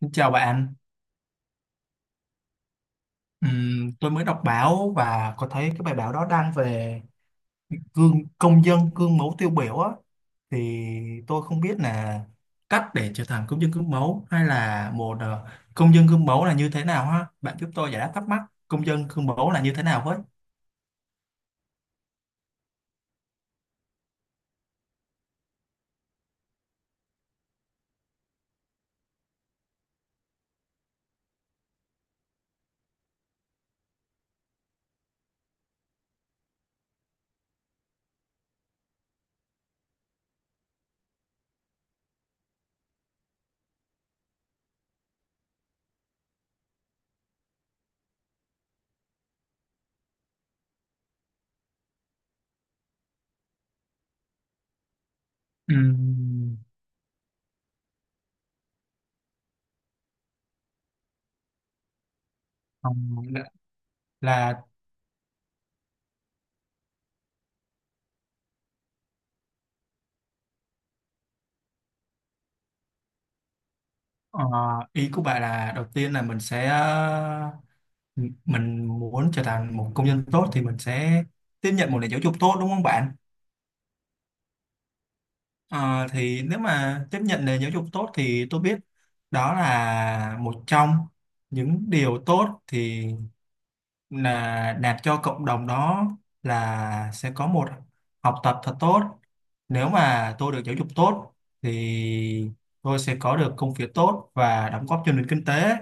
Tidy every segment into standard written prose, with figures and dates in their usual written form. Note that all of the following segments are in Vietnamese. Xin chào bạn. Tôi mới đọc báo và có thấy cái bài báo đó đăng về gương công dân gương mẫu tiêu biểu á, thì tôi không biết là cách để trở thành công dân gương mẫu, hay là một công dân gương mẫu là như thế nào ha? Bạn giúp tôi giải đáp thắc mắc công dân gương mẫu là như thế nào với. Ừm, ờ, là, là ờ, ý của bạn là đầu tiên là mình sẽ, mình muốn trở thành một công dân tốt thì mình sẽ tiếp nhận một nền giáo dục tốt đúng không bạn? Ờ, thì nếu mà tiếp nhận nền giáo dục tốt thì tôi biết đó là một trong những điều tốt, thì là đạt cho cộng đồng đó là sẽ có một học tập thật tốt. Nếu mà tôi được giáo dục tốt thì tôi sẽ có được công việc tốt và đóng góp cho nền kinh tế,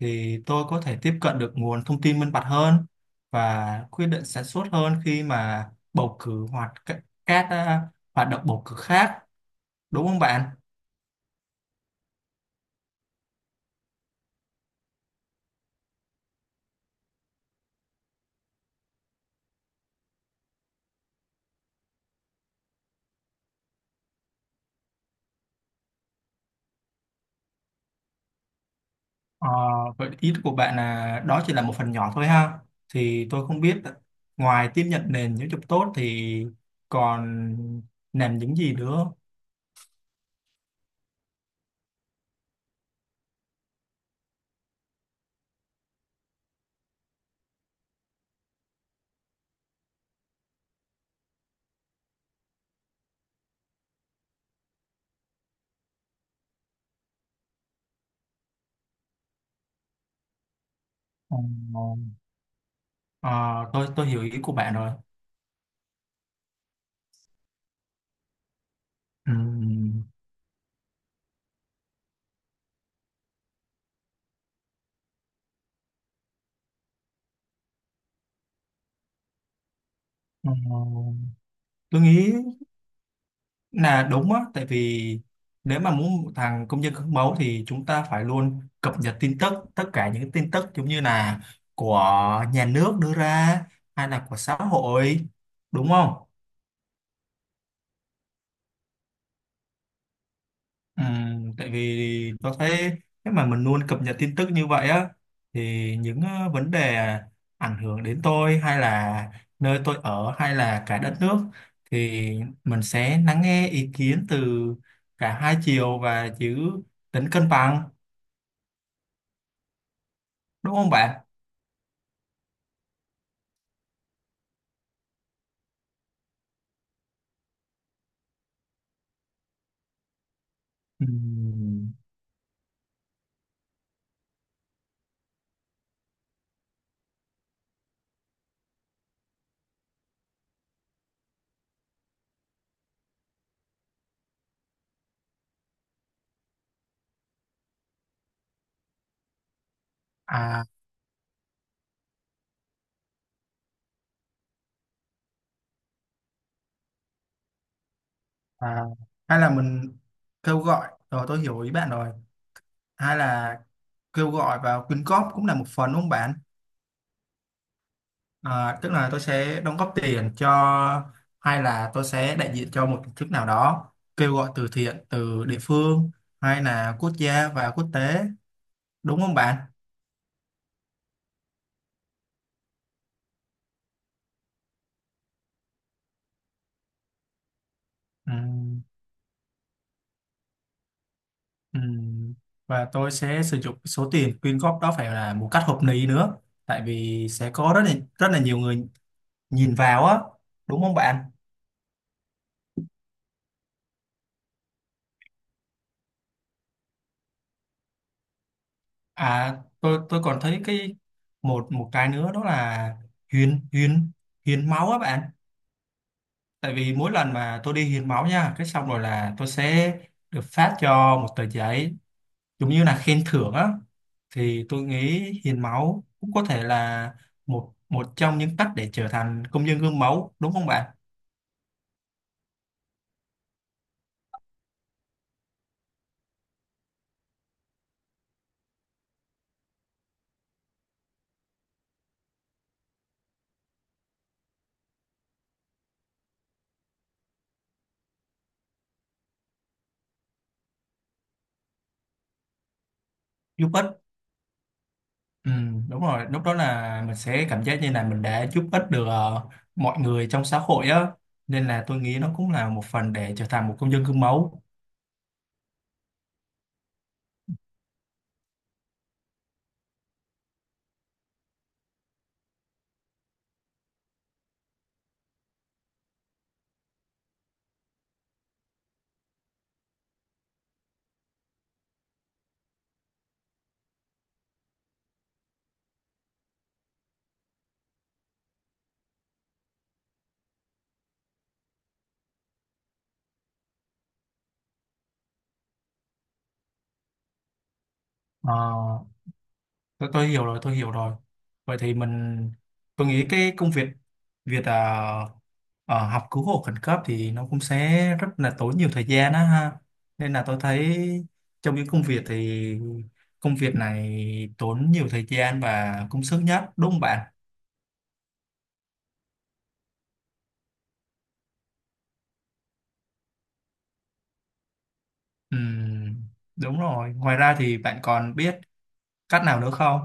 thì tôi có thể tiếp cận được nguồn thông tin minh bạch hơn và quyết định sản xuất hơn khi mà bầu cử hoặc các hoạt động bầu cử khác. Đúng không bạn? Ờ, vậy ý của bạn là đó chỉ là một phần nhỏ thôi ha. Thì tôi không biết ngoài tiếp nhận nền giáo dục tốt thì còn làm những gì nữa. Ờ, ờ, tôi hiểu ý của bạn rồi. Ừm, ờ, tôi nghĩ là đúng á, tại vì nếu mà muốn một thằng công dân gương mẫu thì chúng ta phải luôn cập nhật tin tức, tất cả những tin tức giống như là của nhà nước đưa ra hay là của xã hội, đúng không? Ừ, tại vì tôi thấy nếu mà mình luôn cập nhật tin tức như vậy á thì những vấn đề ảnh hưởng đến tôi hay là nơi tôi ở hay là cả đất nước thì mình sẽ lắng nghe ý kiến từ cả hai chiều và giữ tính cân bằng đúng không bạn? Ừ, à, à hay là mình kêu gọi, rồi tôi hiểu ý bạn rồi, hay là kêu gọi vào quyên góp cũng là một phần đúng không bạn? À, tức là tôi sẽ đóng góp tiền cho, hay là tôi sẽ đại diện cho một tổ chức nào đó kêu gọi từ thiện từ địa phương hay là quốc gia và quốc tế, đúng không bạn? Ừ, ừ. Và tôi sẽ sử dụng số tiền quyên góp đó phải là một cách hợp lý nữa, tại vì sẽ có rất là nhiều người nhìn vào á, đúng không bạn? À, tôi còn thấy cái một một cái nữa đó là hiến hiến hiến máu á bạn. Tại vì mỗi lần mà tôi đi hiến máu nha cái xong rồi là tôi sẽ được phát cho một tờ giấy giống như là khen thưởng á, thì tôi nghĩ hiến máu cũng có thể là một một trong những cách để trở thành công dân gương mẫu đúng không bạn? Giúp ích, ừ, đúng rồi, lúc đó là mình sẽ cảm giác như là mình đã giúp ích được mọi người trong xã hội á, nên là tôi nghĩ nó cũng là một phần để trở thành một công dân gương mẫu. Ờ, tôi hiểu rồi, tôi hiểu rồi. Vậy thì mình, tôi nghĩ cái công việc việc học cứu hộ khẩn cấp thì nó cũng sẽ rất là tốn nhiều thời gian á ha, nên là tôi thấy trong những công việc thì công việc này tốn nhiều thời gian và công sức nhất đúng không bạn? Ừm, đúng rồi, ngoài ra thì bạn còn biết cách nào nữa không?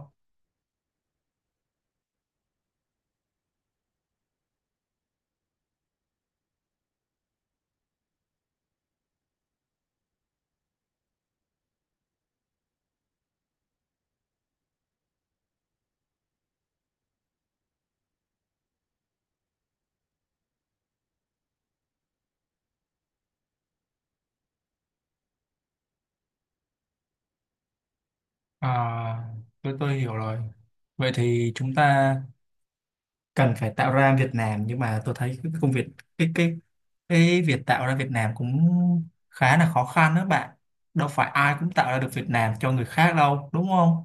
À, tôi hiểu rồi. Vậy thì chúng ta cần phải tạo ra Việt Nam, nhưng mà tôi thấy cái công việc, cái cái cái việc tạo ra Việt Nam cũng khá là khó khăn đó bạn. Đâu phải ai cũng tạo ra được Việt Nam cho người khác đâu đúng không?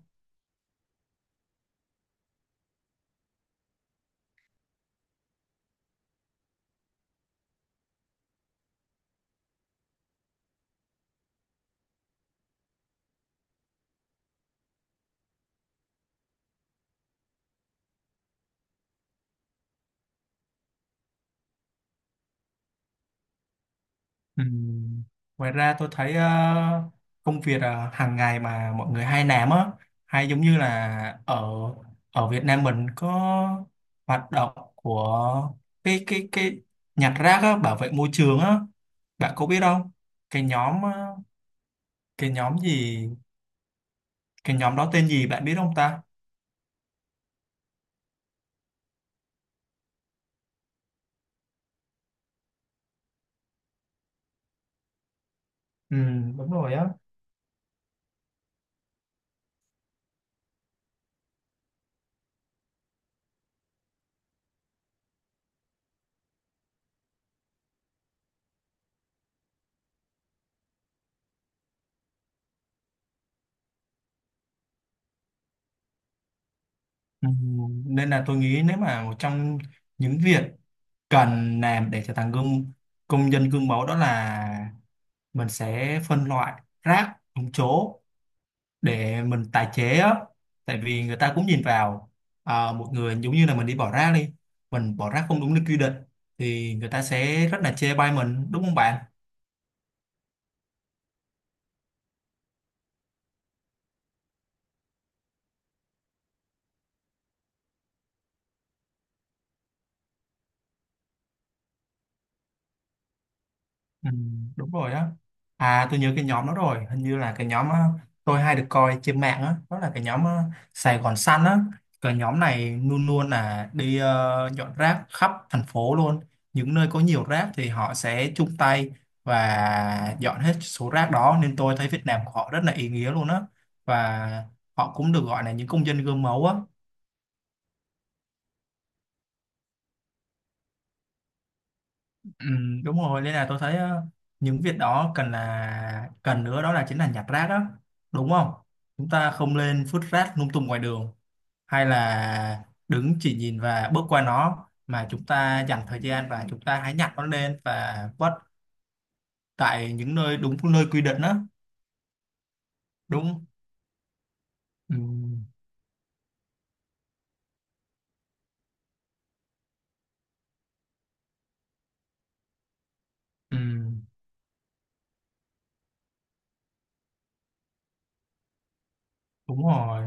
Ừm, ngoài ra tôi thấy công việc hàng ngày mà mọi người hay làm á, hay giống như là ở ở Việt Nam mình có hoạt động của cái nhặt rác á, bảo vệ môi trường á, bạn có biết không? Cái nhóm cái nhóm gì? Cái nhóm đó tên gì bạn biết không ta? Ừ, đúng rồi á. Ừ, nên là tôi nghĩ nếu mà một trong những việc cần làm để trở thành gương công dân gương mẫu đó là mình sẽ phân loại rác đúng chỗ để mình tái chế á, tại vì người ta cũng nhìn vào, à, một người giống như là mình đi bỏ rác đi, mình bỏ rác không đúng nơi quy định thì người ta sẽ rất là chê bai mình đúng không bạn? Ừ, đúng rồi á. À tôi nhớ cái nhóm đó rồi, hình như là cái nhóm, tôi hay được coi trên mạng á, đó là cái nhóm Sài Gòn Xanh á. Cái nhóm này luôn luôn là đi dọn rác khắp thành phố luôn. Những nơi có nhiều rác thì họ sẽ chung tay và dọn hết số rác đó, nên tôi thấy Việt Nam của họ rất là ý nghĩa luôn á, và họ cũng được gọi là những công dân gương mẫu á. Ừ, đúng rồi, nên là tôi thấy những việc đó cần là cần nữa đó là chính là nhặt rác đó, đúng không? Chúng ta không lên vứt rác lung tung ngoài đường hay là đứng chỉ nhìn và bước qua nó, mà chúng ta dành thời gian và chúng ta hãy nhặt nó lên và vứt tại những nơi đúng nơi quy định đó. Đúng. Ừ, ừ, đúng rồi,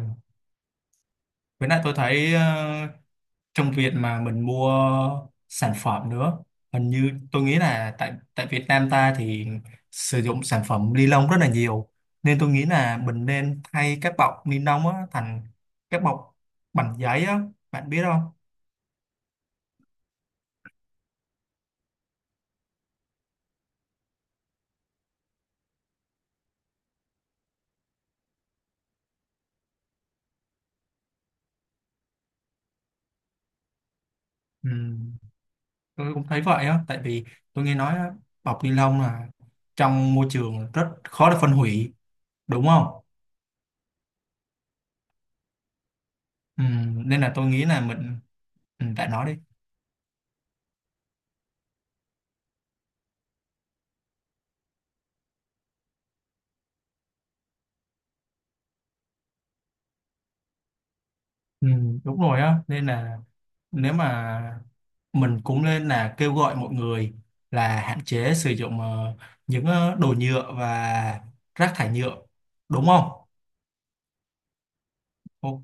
với lại tôi thấy trong việc mà mình mua sản phẩm nữa, hình như tôi nghĩ là tại tại Việt Nam ta thì sử dụng sản phẩm ni lông rất là nhiều, nên tôi nghĩ là mình nên thay các bọc ni lông á thành các bọc bằng giấy á, bạn biết không? Ừ, tôi cũng thấy vậy á, tại vì tôi nghe nói á, bọc ni lông là trong môi trường rất khó để phân hủy đúng không? Ừ, nên là tôi nghĩ là mình, ừ, bạn nói đi. Ừ, đúng rồi á, nên là nếu mà mình cũng nên là kêu gọi mọi người là hạn chế sử dụng những đồ nhựa và rác thải nhựa, đúng không? O-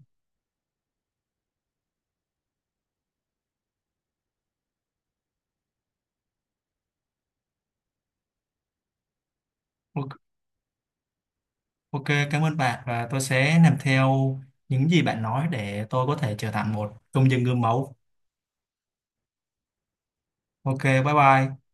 o- Ok, cảm ơn bạn và tôi sẽ làm theo những gì bạn nói để tôi có thể trở thành một công dân gương mẫu. Ok, bye bye.